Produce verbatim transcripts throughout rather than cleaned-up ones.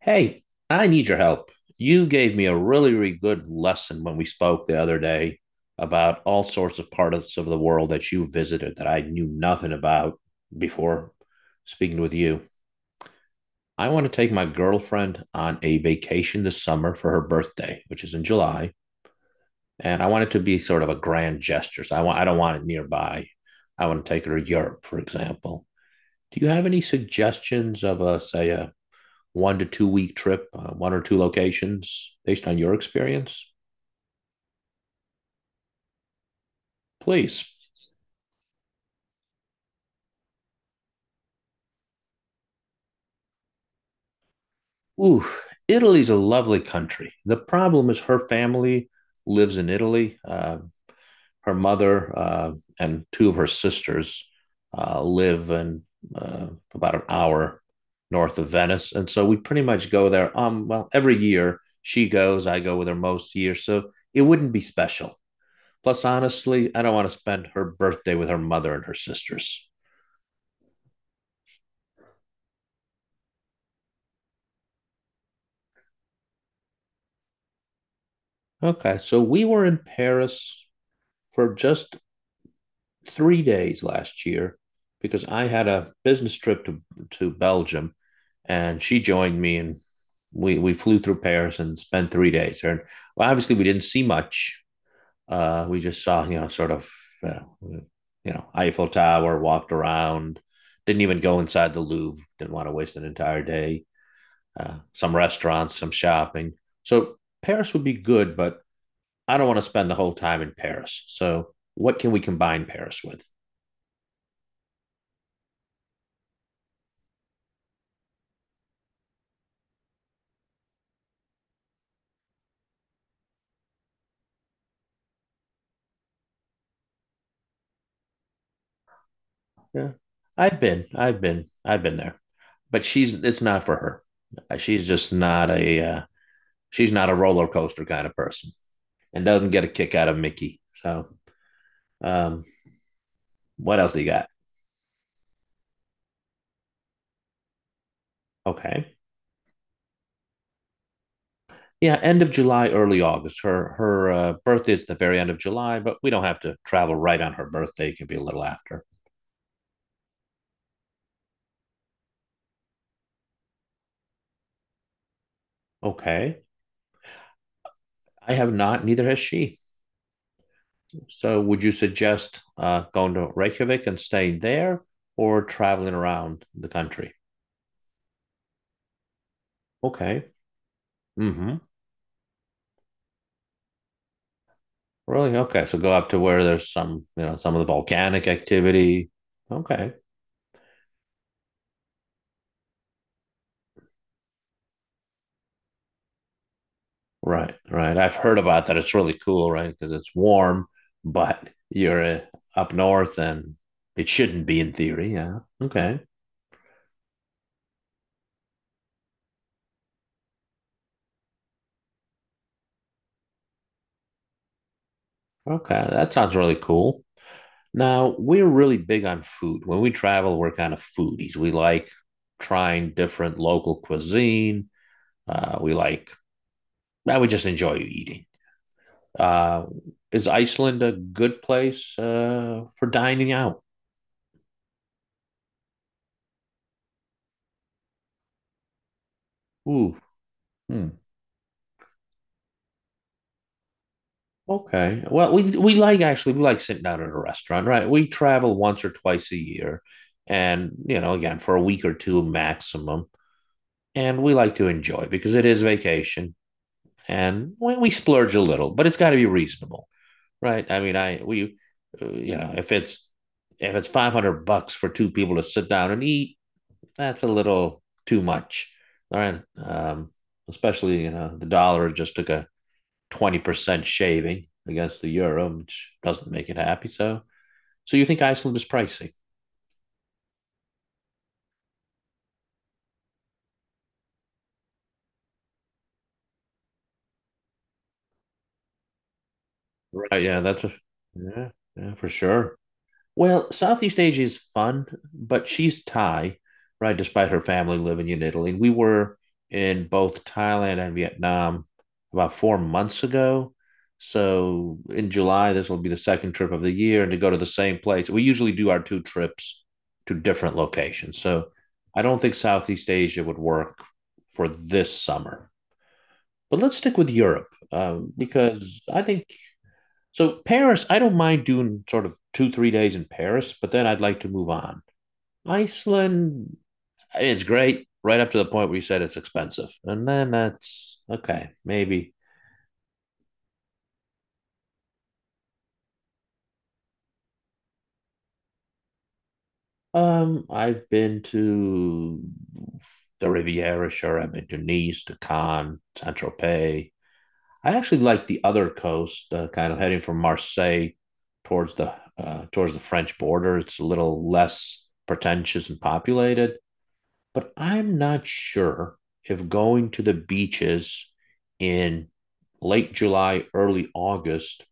Hey, I need your help. You gave me a really, really good lesson when we spoke the other day about all sorts of parts of the world that you visited that I knew nothing about before speaking with you. I want to take my girlfriend on a vacation this summer for her birthday, which is in July, and I want it to be sort of a grand gesture. So I want I don't want it nearby. I want to take her to Europe, for example. Do you have any suggestions of a say a one to two week trip, uh, one or two locations based on your experience, please. Ooh, Italy's a lovely country. The problem is her family lives in Italy. Uh, her mother uh, and two of her sisters uh, live in uh, about an hour north of Venice. And so we pretty much go there. Um, well, every year she goes, I go with her most years. So it wouldn't be special. Plus, honestly, I don't want to spend her birthday with her mother and her sisters. Okay, so we were in Paris for just three days last year because I had a business trip to to Belgium, and she joined me, and we we flew through Paris and spent three days there. And well, obviously, we didn't see much. Uh, we just saw, you know, sort of, uh, you know, Eiffel Tower, walked around, didn't even go inside the Louvre. Didn't want to waste an entire day. Uh, some restaurants, some shopping. So Paris would be good, but I don't want to spend the whole time in Paris. So what can we combine Paris with? Yeah. I've been, I've been, I've been there, but she's it's not for her. Uh, She's just not a uh, she's not a roller coaster kind of person and doesn't get a kick out of Mickey. So um, what else do you got? Okay. Yeah, end of July, early August. Her her uh, birthday is the very end of July, but we don't have to travel right on her birthday. It can be a little after. Okay. I have not. Neither has she. So, would you suggest uh, going to Reykjavik and staying there or traveling around the country? Okay. Mm-hmm. Really? Okay. So, go up to where there's some, you know, some of the volcanic activity. Okay. Right. Right. I've heard about that. It's really cool, right? Because it's warm, but you're uh, up north and it shouldn't be in theory. Yeah. Okay. Okay. That sounds really cool. Now, we're really big on food. When we travel, we're kind of foodies. We like trying different local cuisine. Uh, we like, now we just enjoy eating. Uh, is Iceland a good place uh, for dining out? Ooh, hmm. Okay. Well, we we like actually we like sitting down at a restaurant, right? We travel once or twice a year, and you know, again for a week or two maximum, and we like to enjoy because it is vacation, and we, we splurge a little, but it's got to be reasonable. Right. I mean, I we, uh, you know, if it's if it's five hundred bucks for two people to sit down and eat, that's a little too much. All right. Um, especially you know the dollar just took a twenty percent shaving against the euro, which doesn't make it happy. So, so you think Iceland is pricey? Right. Yeah. That's a, yeah. Yeah. For sure. Well, Southeast Asia is fun, but she's Thai, right? Despite her family living in Italy. And we were in both Thailand and Vietnam about four months ago. So in July, this will be the second trip of the year. And to go to the same place, we usually do our two trips to different locations. So I don't think Southeast Asia would work for this summer. But let's stick with Europe um, because I think so Paris, I don't mind doing sort of two, three days in Paris, but then I'd like to move on. Iceland, it's great right up to the point where you said it's expensive. And then that's okay, maybe. Um, I've been to the Riviera, sure. I've been to Nice, to Cannes, Saint Tropez. I actually like the other coast, uh, kind of heading from Marseille towards the uh, towards the French border. It's a little less pretentious and populated. But I'm not sure if going to the beaches in late July, early August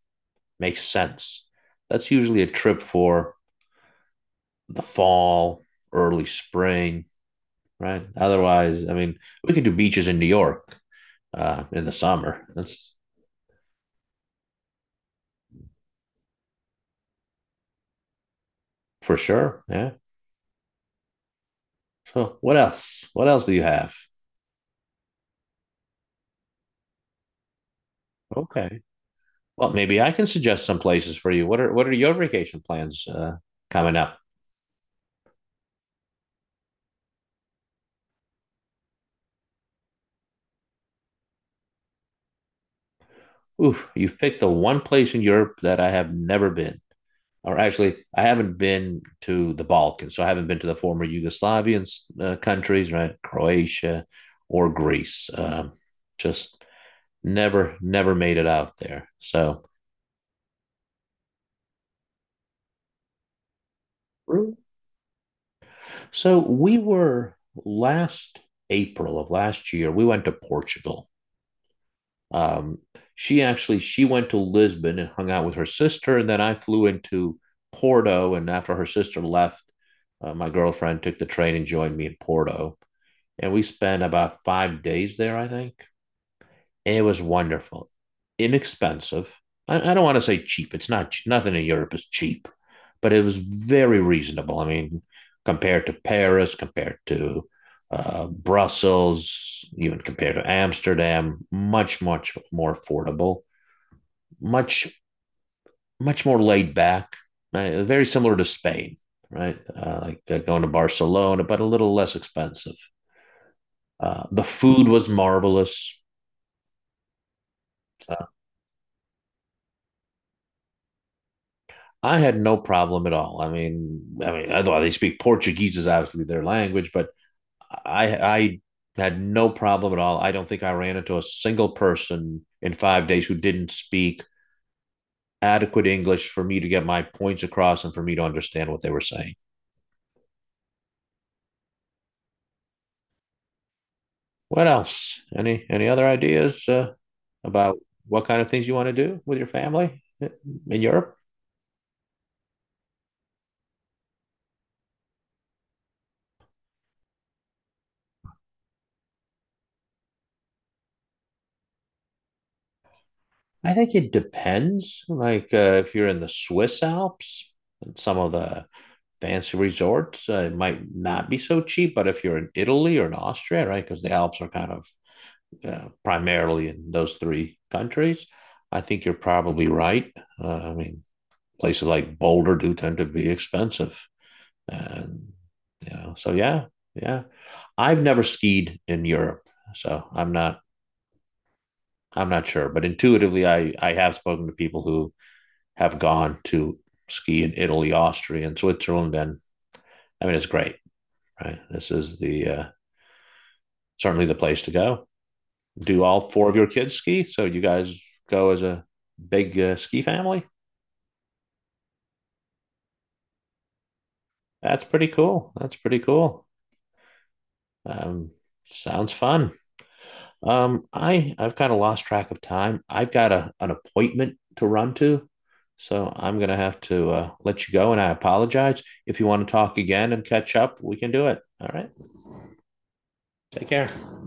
makes sense. That's usually a trip for the fall, early spring, right? Otherwise, I mean, we could do beaches in New York uh, in the summer. That's for sure. Yeah. So, what else? What else do you have? Okay. Well, maybe I can suggest some places for you. What are what are your vacation plans uh, coming up? Oof, you picked the one place in Europe that I have never been. Or actually, I haven't been to the Balkans. So I haven't been to the former Yugoslavian uh, countries, right? Croatia or Greece. Um, just Never, never made it out there. So, so we were last April of last year, we went to Portugal. Um, she actually she went to Lisbon and hung out with her sister, and then I flew into Porto. And after her sister left, uh, my girlfriend took the train and joined me in Porto, and we spent about five days there, I think. It was wonderful, inexpensive. I, I don't want to say cheap. It's not Nothing in Europe is cheap, but it was very reasonable. I mean, compared to Paris, compared to uh, Brussels, even compared to Amsterdam, much much more affordable, much much more laid back. Right? Very similar to Spain, right? Uh, like uh, going to Barcelona, but a little less expensive. Uh, the food was marvelous. I had no problem at all. I mean, I mean, I know they speak Portuguese is obviously their language, but I I had no problem at all. I don't think I ran into a single person in five days who didn't speak adequate English for me to get my points across and for me to understand what they were saying. What else? Any any other ideas uh, about what kind of things you want to do with your family in Europe? I think it depends. Like uh, if you're in the Swiss Alps, some of the fancy resorts, uh, it might not be so cheap. But if you're in Italy or in Austria, right, because the Alps are kind of uh, primarily in those three countries, I think you're probably right. Uh, I mean, Places like Boulder do tend to be expensive, and you know, so yeah, yeah. I've never skied in Europe, so I'm not I'm not sure, but intuitively, I I have spoken to people who have gone to ski in Italy, Austria, and Switzerland, and I mean, it's great, right? This is the uh, certainly the place to go. Do all four of your kids ski? So you guys go as a big uh, ski family? That's pretty cool. That's pretty cool. Um, Sounds fun. Um, I I've kind of lost track of time. I've got a an appointment to run to, so I'm gonna have to uh, let you go. And I apologize if you want to talk again and catch up. We can do it. All right. Take care.